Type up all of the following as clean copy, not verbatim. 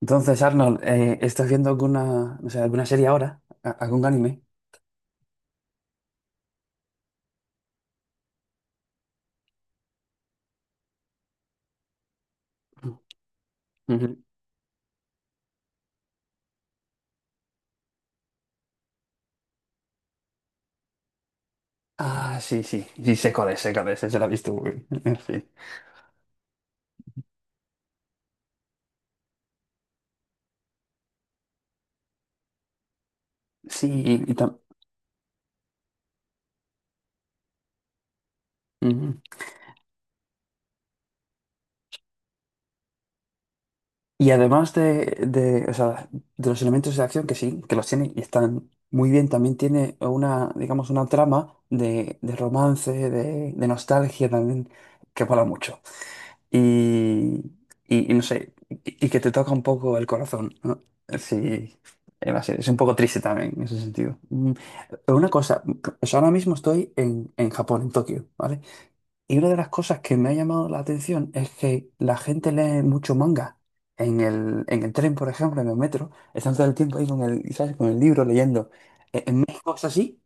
Entonces, Arnold, ¿estás viendo alguna, no sé, alguna serie ahora? ¿A- ¿Algún anime? Ujú. Ah, sí, sí, sí, sé cuál es, se la he visto, güey. Sí, sí, ujú. Y además de, o sea, de los elementos de acción que sí, que los tiene y están muy bien, también tiene una, digamos, una trama de romance, de nostalgia también, que mola mucho. Y, y no sé, y que te toca un poco el corazón, ¿no? Sí, es un poco triste también en ese sentido. Mm, pero una cosa, o sea, ahora mismo estoy en Japón, en Tokio, ¿vale? Y una de las cosas que me ha llamado la atención es que la gente lee mucho manga. En el tren, por ejemplo, en el metro, están todo el tiempo ahí con el, ¿sabes? Con el libro leyendo. En México es así?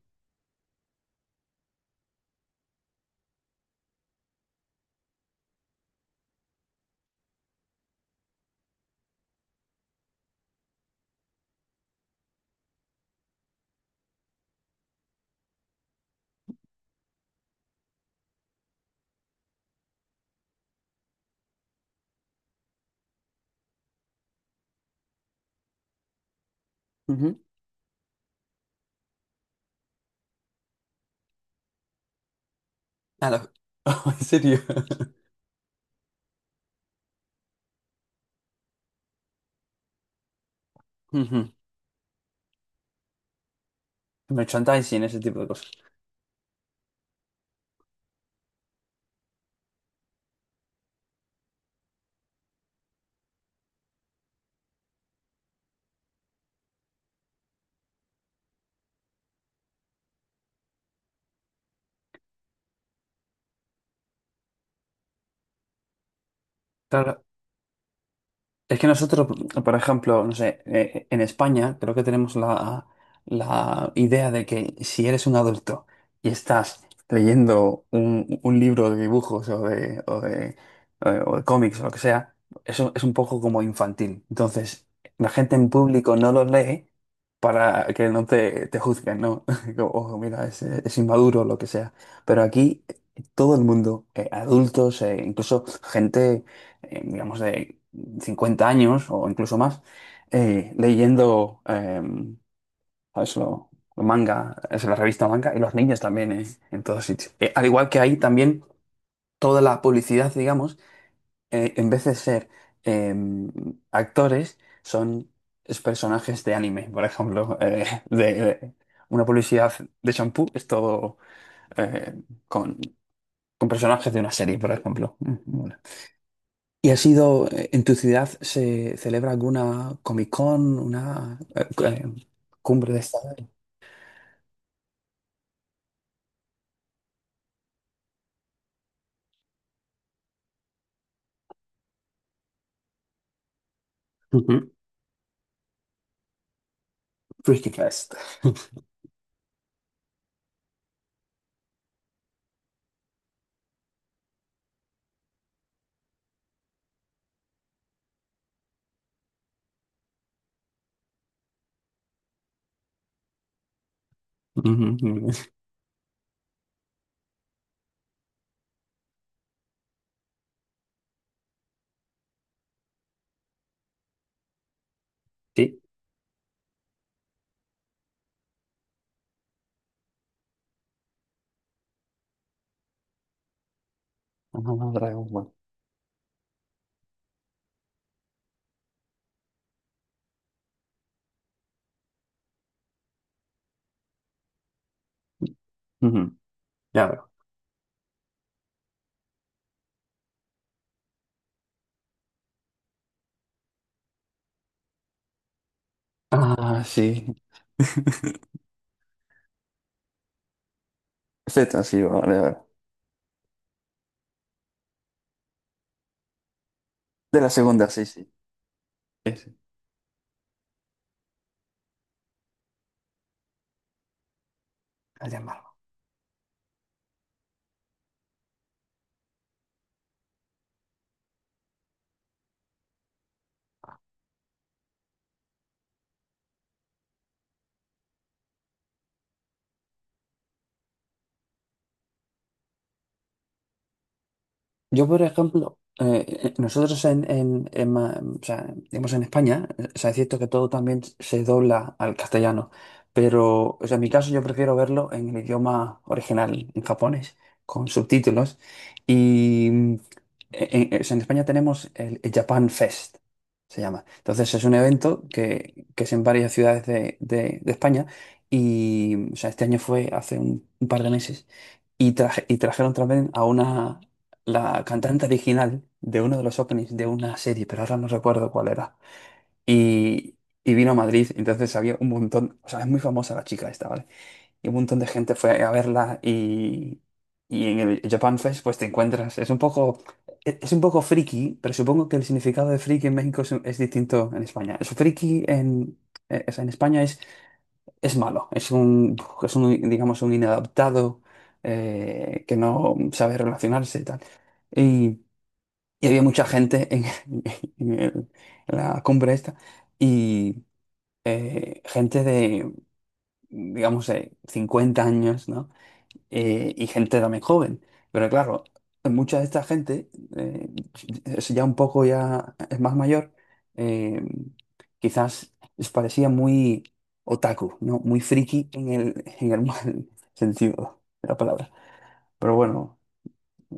Ujú. A los- ¿En serio? Ujú. Merchandising, ese tipo de cosas. Claro, es que nosotros, por ejemplo, no sé, en España creo que tenemos la, la idea de que si eres un adulto y estás leyendo un libro de dibujos o de, o de, o de cómics o lo que sea, eso es un poco como infantil. Entonces, la gente en público no lo lee para que no te, te juzguen, ¿no? Como, ojo, mira, es inmaduro o lo que sea. Pero aquí todo el mundo, adultos, incluso gente digamos, de 50 años o incluso más leyendo, ¿sabes? Lo manga, es la revista manga, y los niños también en todos sitios. Al igual que ahí también toda la publicidad, digamos, en vez de ser eh, actores, son es personajes de anime, por ejemplo, de una publicidad de shampoo es todo eh, con, con personajes de una serie, por ejemplo. Mm, mola. ¿Y ha sido, en tu ciudad se celebra alguna Comic Con, una cumbre de esta? Ujú. Freaky Fest. Ujú. Sí. Ah, Dragon Ball. Ujú. Ya veo. Ah, sí. Z, sí, vale, vale. De la segunda, sí, sí. Sí, sí. Allá en yo, por ejemplo, nosotros en, o sea, digamos en España, o sea, es cierto que todo también se dobla al castellano, pero o sea, en mi caso yo prefiero verlo en el idioma original, en japonés, con subtítulos. Y mm, en, o sea, en España tenemos el Japan Fest, se llama. Entonces es un evento que es en varias ciudades de, de España y o sea, este año fue hace un par de meses y, y trajeron también a una, la cantante original de uno de los openings de una serie, pero ahora no recuerdo cuál era. Y, y vino a Madrid, entonces había un montón, o sea, es muy famosa la chica esta, ¿vale? Y un montón de gente fue a verla y en el Japan Fest pues te encuentras, es un poco, es un poco friki, pero supongo que el significado de friki en México es distinto en España. Es friki en, o sea, en España es malo, es un, digamos, un inadaptado que no sabe relacionarse y tal. Y y había mucha gente en, en en la cumbre esta y gente de, digamos, 50 años, ¿no? Y gente también joven. Pero claro, mucha de esta gente eh, es ya un poco ya es más mayor, eh, quizás les parecía muy otaku, ¿no? Muy friki en el mal sentido de la palabra. Pero bueno,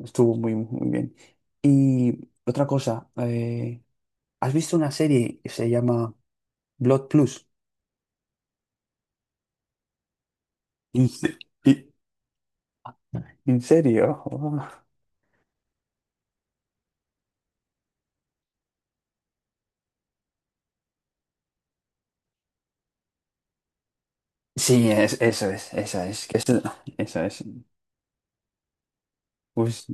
estuvo muy, muy bien. Y otra cosa... ¿has visto una serie que se llama Blood Plus? ¿En, se- y- en serio? Sí, es, eso es, esa es, que es, esa es. Pues,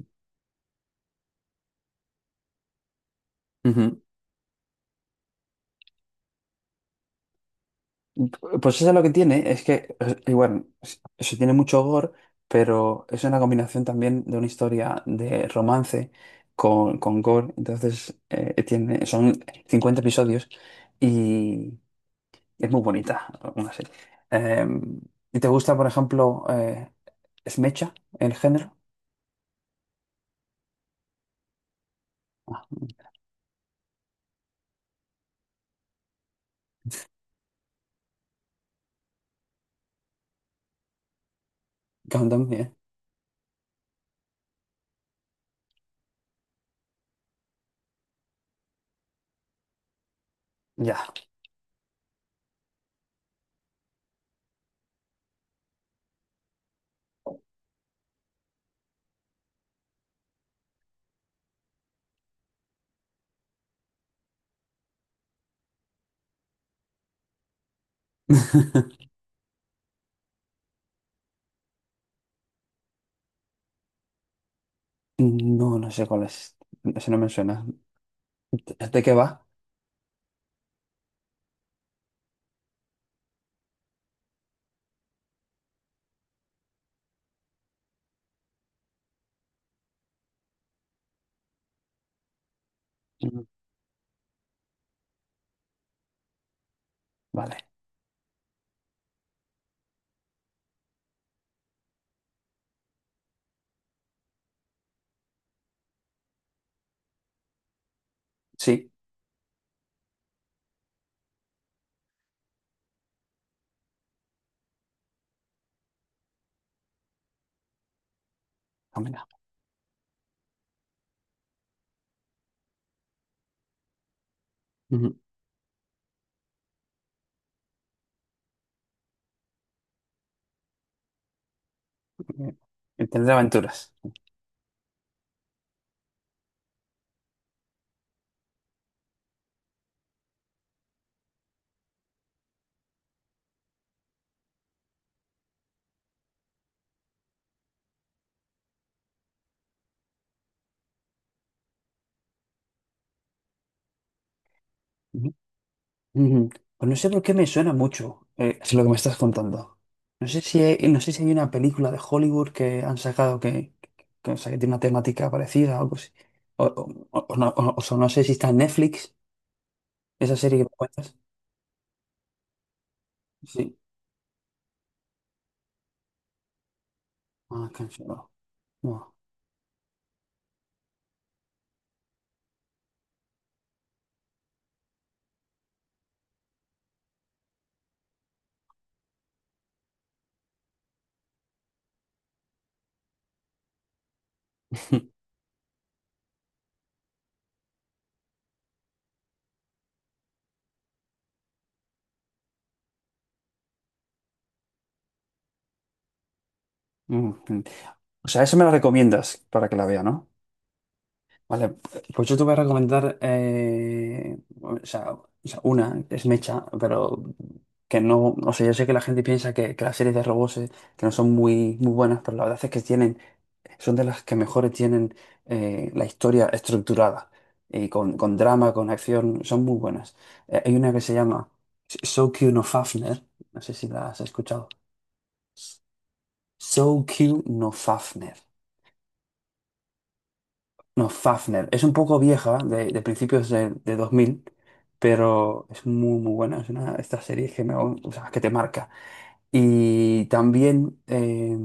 ujú. Pues eso es lo que tiene, es que, igual, se tiene mucho gore, pero es una combinación también de una historia de romance con gore, entonces tiene, son 50 episodios y es muy bonita una serie. Eh, ¿Y te gusta, por ejemplo, Smecha, el género? Ah, Gundam, ya. No, no sé cuál es. Ese no me suena. ¿De qué va? Mm, vale. Sí. Ah, mira. Ujú. Tendré aventuras. Ujú. Ujú. Pues no sé por qué me suena mucho es lo que me estás contando. No sé si hay, no sé si hay una película de Hollywood que han sacado que, o sea, que tiene una temática parecida o algo así. O o sea, no sé si está en Netflix, esa serie que me cuentas. Sí. Ah, cancelado. No. Mm, o sea, ¿eso me la recomiendas para que la vea, no? Vale, pues yo te voy a recomendar, o sea, una, que es Mecha, pero que no, o sea, yo sé que la gente piensa que las series de robots que no son muy, muy buenas, pero la verdad es que tienen, son de las que mejores tienen la historia estructurada y con drama, con acción, son muy buenas. Hay una que se llama So Q no Fafner, no sé si la has escuchado. So Q no Fafner. No, Fafner. Es un poco vieja, de principios de 2000, pero es muy, muy buena. Es una de estas series que, me, o sea, que te marca. Y también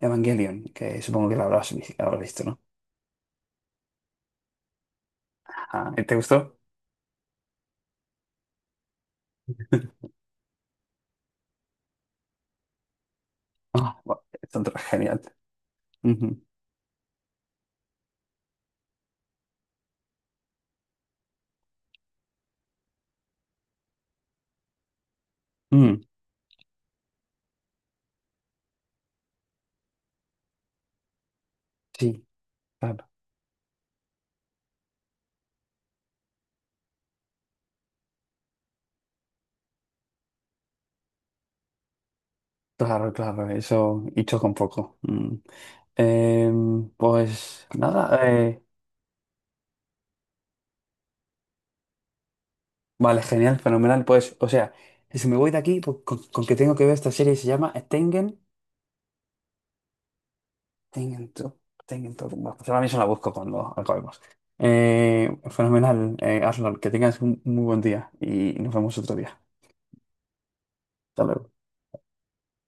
Evangelion, que supongo que la habrás, la habrás visto, ¿no? Ajá. ¿Te gustó? Ah, genial. Ujú. Mm, sí, claro, claro, claro. Eso, hecho con poco. Mm. Em, pues nada, vale, genial, fenomenal. Pues, o sea, si me voy de aquí, pues, con que tengo que ver esta serie, se llama Tengen, Tengen to, Tengen to. Bueno, pues ahora mismo la busco cuando acabemos. Fenomenal, Arnold, que tengas un muy buen día y nos vemos otro día. Hasta luego.